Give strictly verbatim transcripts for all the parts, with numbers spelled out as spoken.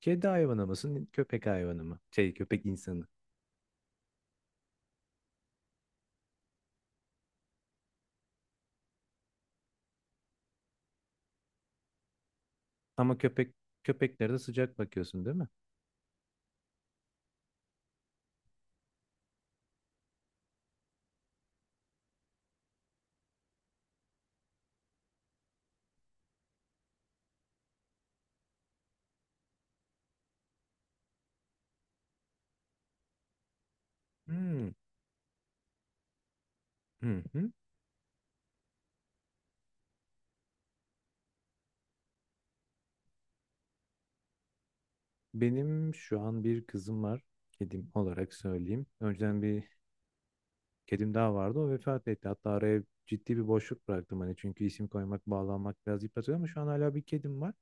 Kedi hayvanı mısın, köpek hayvanı mı? Şey, köpek insanı. Ama köpek köpeklere de sıcak bakıyorsun değil mi? Hmm. Hı hı. Benim şu an bir kızım var. Kedim olarak söyleyeyim. Önceden bir kedim daha vardı. O vefat etti. Hatta araya ciddi bir boşluk bıraktım hani çünkü isim koymak, bağlanmak biraz yıpratıyor ama şu an hala bir kedim var.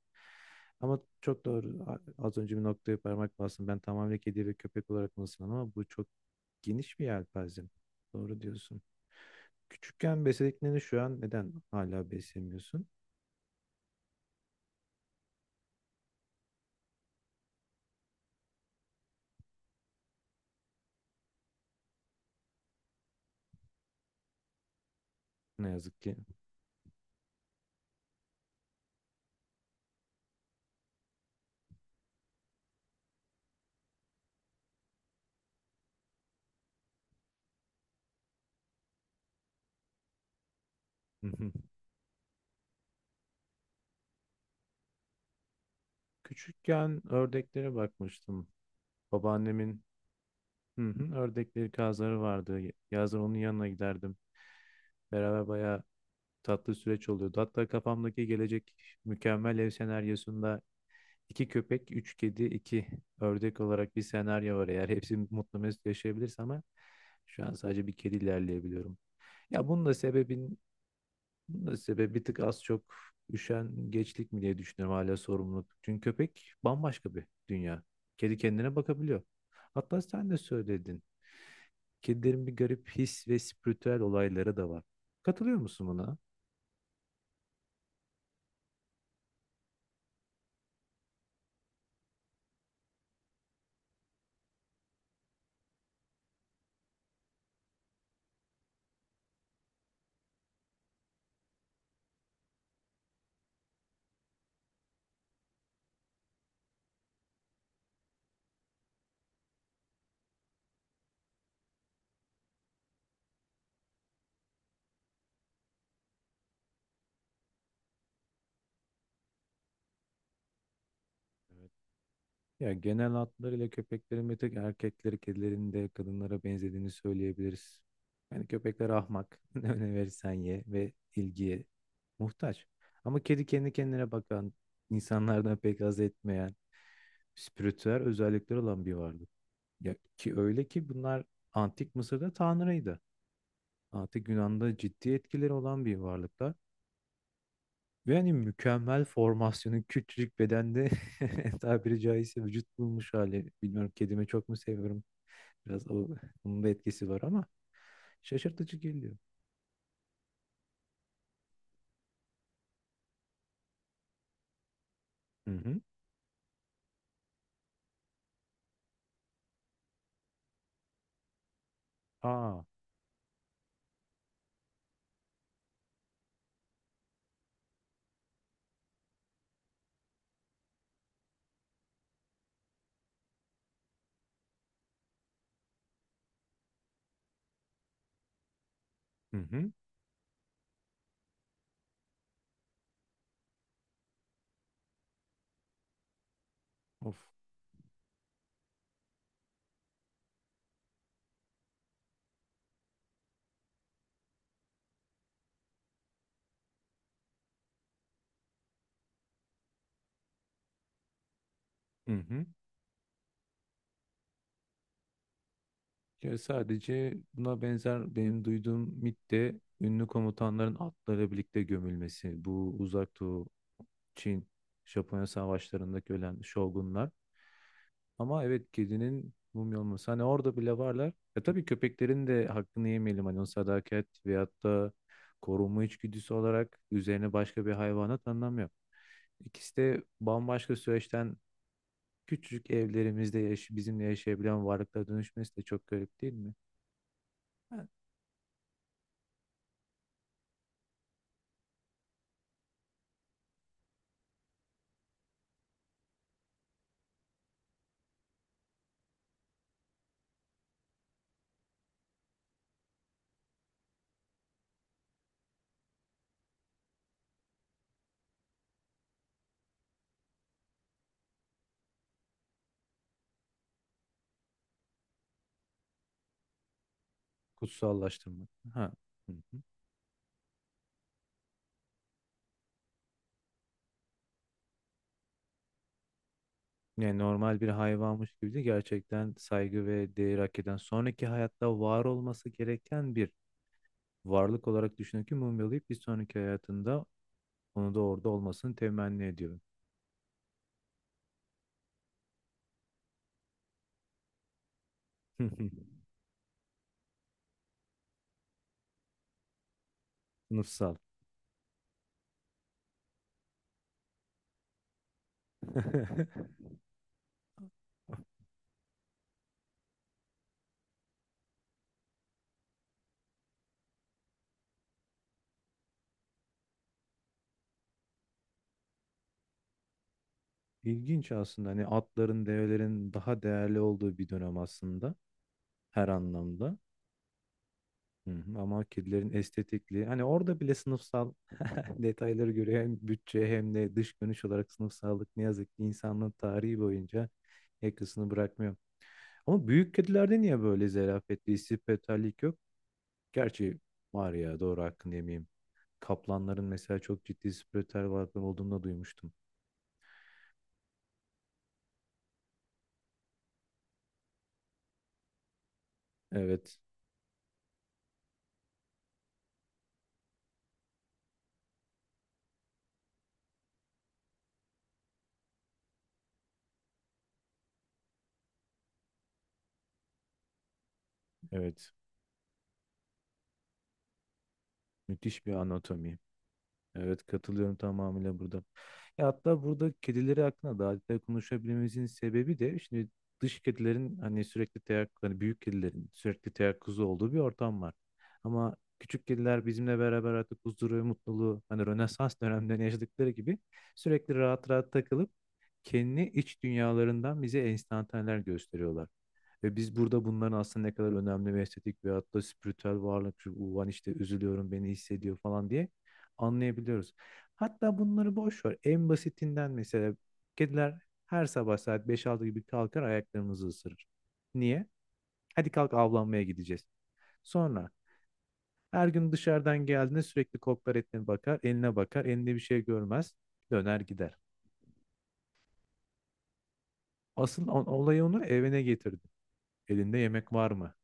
Ama çok doğru. A- Az önce bir noktaya parmak bastım. Ben tamamen kedi ve köpek olarak mısın ama bu çok geniş bir yelpaze. Doğru diyorsun. Küçükken beslediklerini şu an neden hala beslemiyorsun? Ne yazık ki. Hı hı. Küçükken ördeklere bakmıştım. Babaannemin, hı hı, ördekleri kazları vardı. Yazın onun yanına giderdim. Beraber bayağı tatlı süreç oluyordu. Hatta kafamdaki gelecek mükemmel ev senaryosunda iki köpek, üç kedi, iki ördek olarak bir senaryo var. Eğer hepsi mutlu mesut yaşayabilirse ama şu an sadece bir kedi ilerleyebiliyorum. Ya bunun da sebebin Bunun da sebebi bir tık az çok üşengeçlik mi diye düşünüyorum, hala sorumluluk. Çünkü köpek bambaşka bir dünya. Kedi kendine bakabiliyor. Hatta sen de söyledin. Kedilerin bir garip his ve spiritüel olayları da var. Katılıyor musun buna? Evet. Ya genel hatlarıyla köpeklerin bir tek erkekleri, kedilerin de kadınlara benzediğini söyleyebiliriz. Yani köpekler ahmak. Ne verirsen ye ve ilgiye muhtaç. Ama kedi kendi kendine bakan, insanlardan pek haz etmeyen, spiritüel özellikleri olan bir varlık. Ya ki öyle ki bunlar antik Mısır'da tanrıydı. Antik Yunan'da ciddi etkileri olan bir varlıklar. Ve hani mükemmel formasyonu küçücük bedende tabiri caizse vücut bulmuş hali. Bilmiyorum, kedimi çok mu seviyorum? Biraz o, onun da etkisi var ama şaşırtıcı geliyor. Hı hı. Aa. Hı hı. Of. Hı hı. Ya sadece buna benzer benim duyduğum mit de ünlü komutanların atlarıyla birlikte gömülmesi. Bu Uzak Doğu, Çin, Japonya savaşlarındaki ölen şogunlar. Ama evet, kedinin mumya olması. Hani orada bile varlar. E tabii köpeklerin de hakkını yemeyelim. Hani o sadakat veyahut da korunma içgüdüsü olarak üzerine başka bir hayvana tanımlamıyor. İkisi de bambaşka süreçten küçücük evlerimizde yaş bizimle yaşayabilen varlıklara dönüşmesi de çok garip değil mi? Ha. Kutsallaştırmak. Ha. Hı hı. Yani normal bir hayvanmış gibi de gerçekten saygı ve değer hak eden, sonraki hayatta var olması gereken bir varlık olarak düşünün ki mumyalayıp bir sonraki hayatında onu da orada olmasını temenni ediyorum. Sınıfsal. İlginç aslında. Hani atların, develerin daha değerli olduğu bir dönem aslında, her anlamda. Hı hı. Ama kedilerin estetikliği hani orada bile sınıfsal, detayları göre hem bütçe hem de dış görünüş olarak sınıfsallık ne yazık ki insanlığın tarihi boyunca yakasını bırakmıyor. Ama büyük kedilerde niye böyle zerafetli, istifetallik yok? Gerçi var ya, doğru, hakkını yemeyeyim. Kaplanların mesela çok ciddi istifetal varlıkları olduğunu da duymuştum. Evet, evet. Müthiş bir anatomi. Evet, katılıyorum tamamıyla burada. E hatta burada kedileri hakkında daha detaylı konuşabilmemizin sebebi de şimdi dış kedilerin hani sürekli teyakkuz, hani büyük kedilerin sürekli teyakkuzu olduğu bir ortam var. Ama küçük kediler bizimle beraber artık huzuru ve mutluluğu hani Rönesans dönemlerinde yaşadıkları gibi sürekli rahat rahat takılıp kendi iç dünyalarından bize enstantaneler gösteriyorlar. Ve biz burada bunların aslında ne kadar önemli ve estetik ve hatta spiritüel varlık, şu ulan işte üzülüyorum beni hissediyor falan diye anlayabiliyoruz. Hatta bunları boş ver. En basitinden mesela kediler her sabah saat beş altı gibi kalkar, ayaklarımızı ısırır. Niye? Hadi kalk, avlanmaya gideceğiz. Sonra her gün dışarıdan geldiğinde sürekli koklar, etine bakar, eline bakar, elinde bir şey görmez, döner gider. Asıl o- olayı onu evine getirdi. Elinde yemek var mı?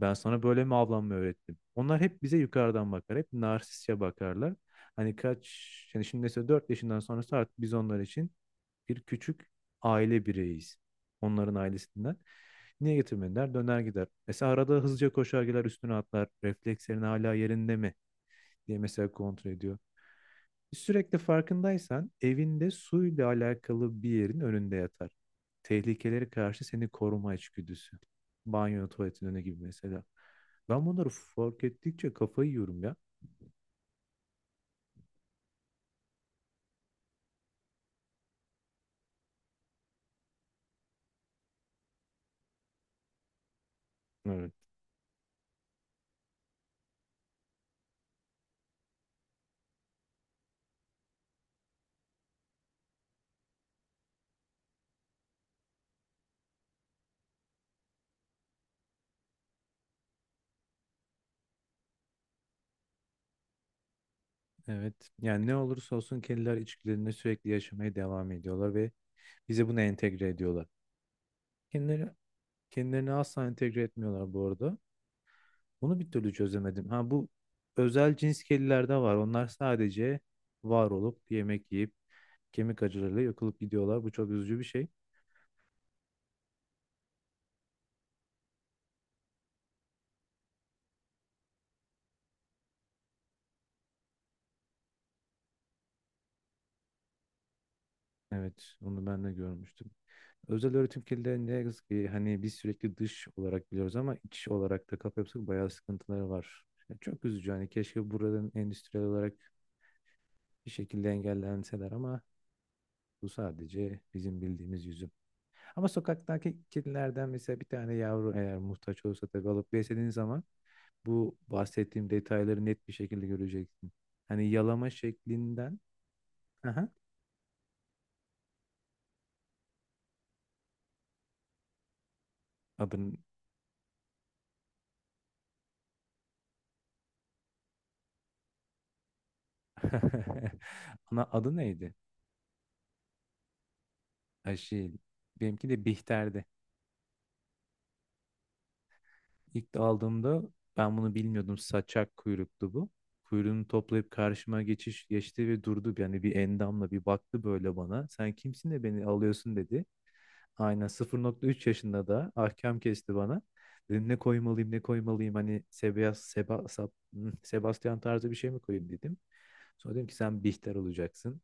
Ben sana böyle mi avlanma öğrettim? Onlar hep bize yukarıdan bakar. Hep narsistçe bakarlar. Hani kaç, yani şimdi mesela dört yaşından sonrası artık biz onlar için bir küçük aile bireyiz. Onların ailesinden. Niye getirmediler? Döner gider. Mesela arada hızlıca koşar gider, üstüne atlar. Reflekslerin hala yerinde mi diye mesela kontrol ediyor. Sürekli farkındaysan evinde suyla alakalı bir yerin önünde yatar. Tehlikelere karşı seni koruma içgüdüsü. Banyo, tuvaletin önü gibi mesela. Ben bunları fark ettikçe kafayı yiyorum ya. Evet. Evet. Yani ne olursa olsun kediler içgüdülerini sürekli yaşamaya devam ediyorlar ve bize bunu entegre ediyorlar. Kendileri, kendilerini asla entegre etmiyorlar bu arada. Bunu bir türlü çözemedim. Ha, bu özel cins kedilerde var. Onlar sadece var olup yemek yiyip kemik acılarıyla yakılıp gidiyorlar. Bu çok üzücü bir şey. Evet, onu ben de görmüştüm. Özel öğretim kirliliği ne yazık ki, hani biz sürekli dış olarak biliyoruz ama iç olarak da kafa yapısı bayağı sıkıntıları var. Yani çok üzücü, hani keşke buraların endüstriyel olarak bir şekilde engellenseler ama bu sadece bizim bildiğimiz yüzü. Ama sokaktaki kedilerden mesela bir tane yavru eğer muhtaç olursa tabii alıp beslediğin zaman bu bahsettiğim detayları net bir şekilde göreceksin. Hani yalama şeklinden. Aha. Adını. Ana adı neydi? Ay şey, benimki de Bihter'di. İlk aldığımda ben bunu bilmiyordum. Saçak kuyruktu bu. Kuyruğunu toplayıp karşıma geçiş geçti ve durdu. Yani bir endamla bir baktı böyle bana. Sen kimsin de beni alıyorsun, dedi. Aynen sıfır nokta üç yaşında da ahkam kesti bana. Dedim ne koymalıyım, ne koymalıyım, hani Sebas, Seba, Sab- Sebastian tarzı bir şey mi koyayım, dedim. Sonra dedim ki sen Bihter olacaksın.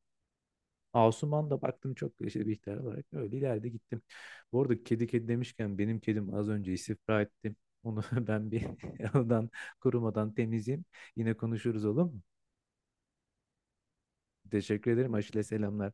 Asuman da baktım çok işte, bir ihtiyar olarak öyle ileride gittim. Bu arada kedi kedi demişken benim kedim az önce istifra etti. Onu ben bir oradan kurumadan temizleyeyim. Yine konuşuruz, olur mu? Teşekkür ederim. Aşile selamlar.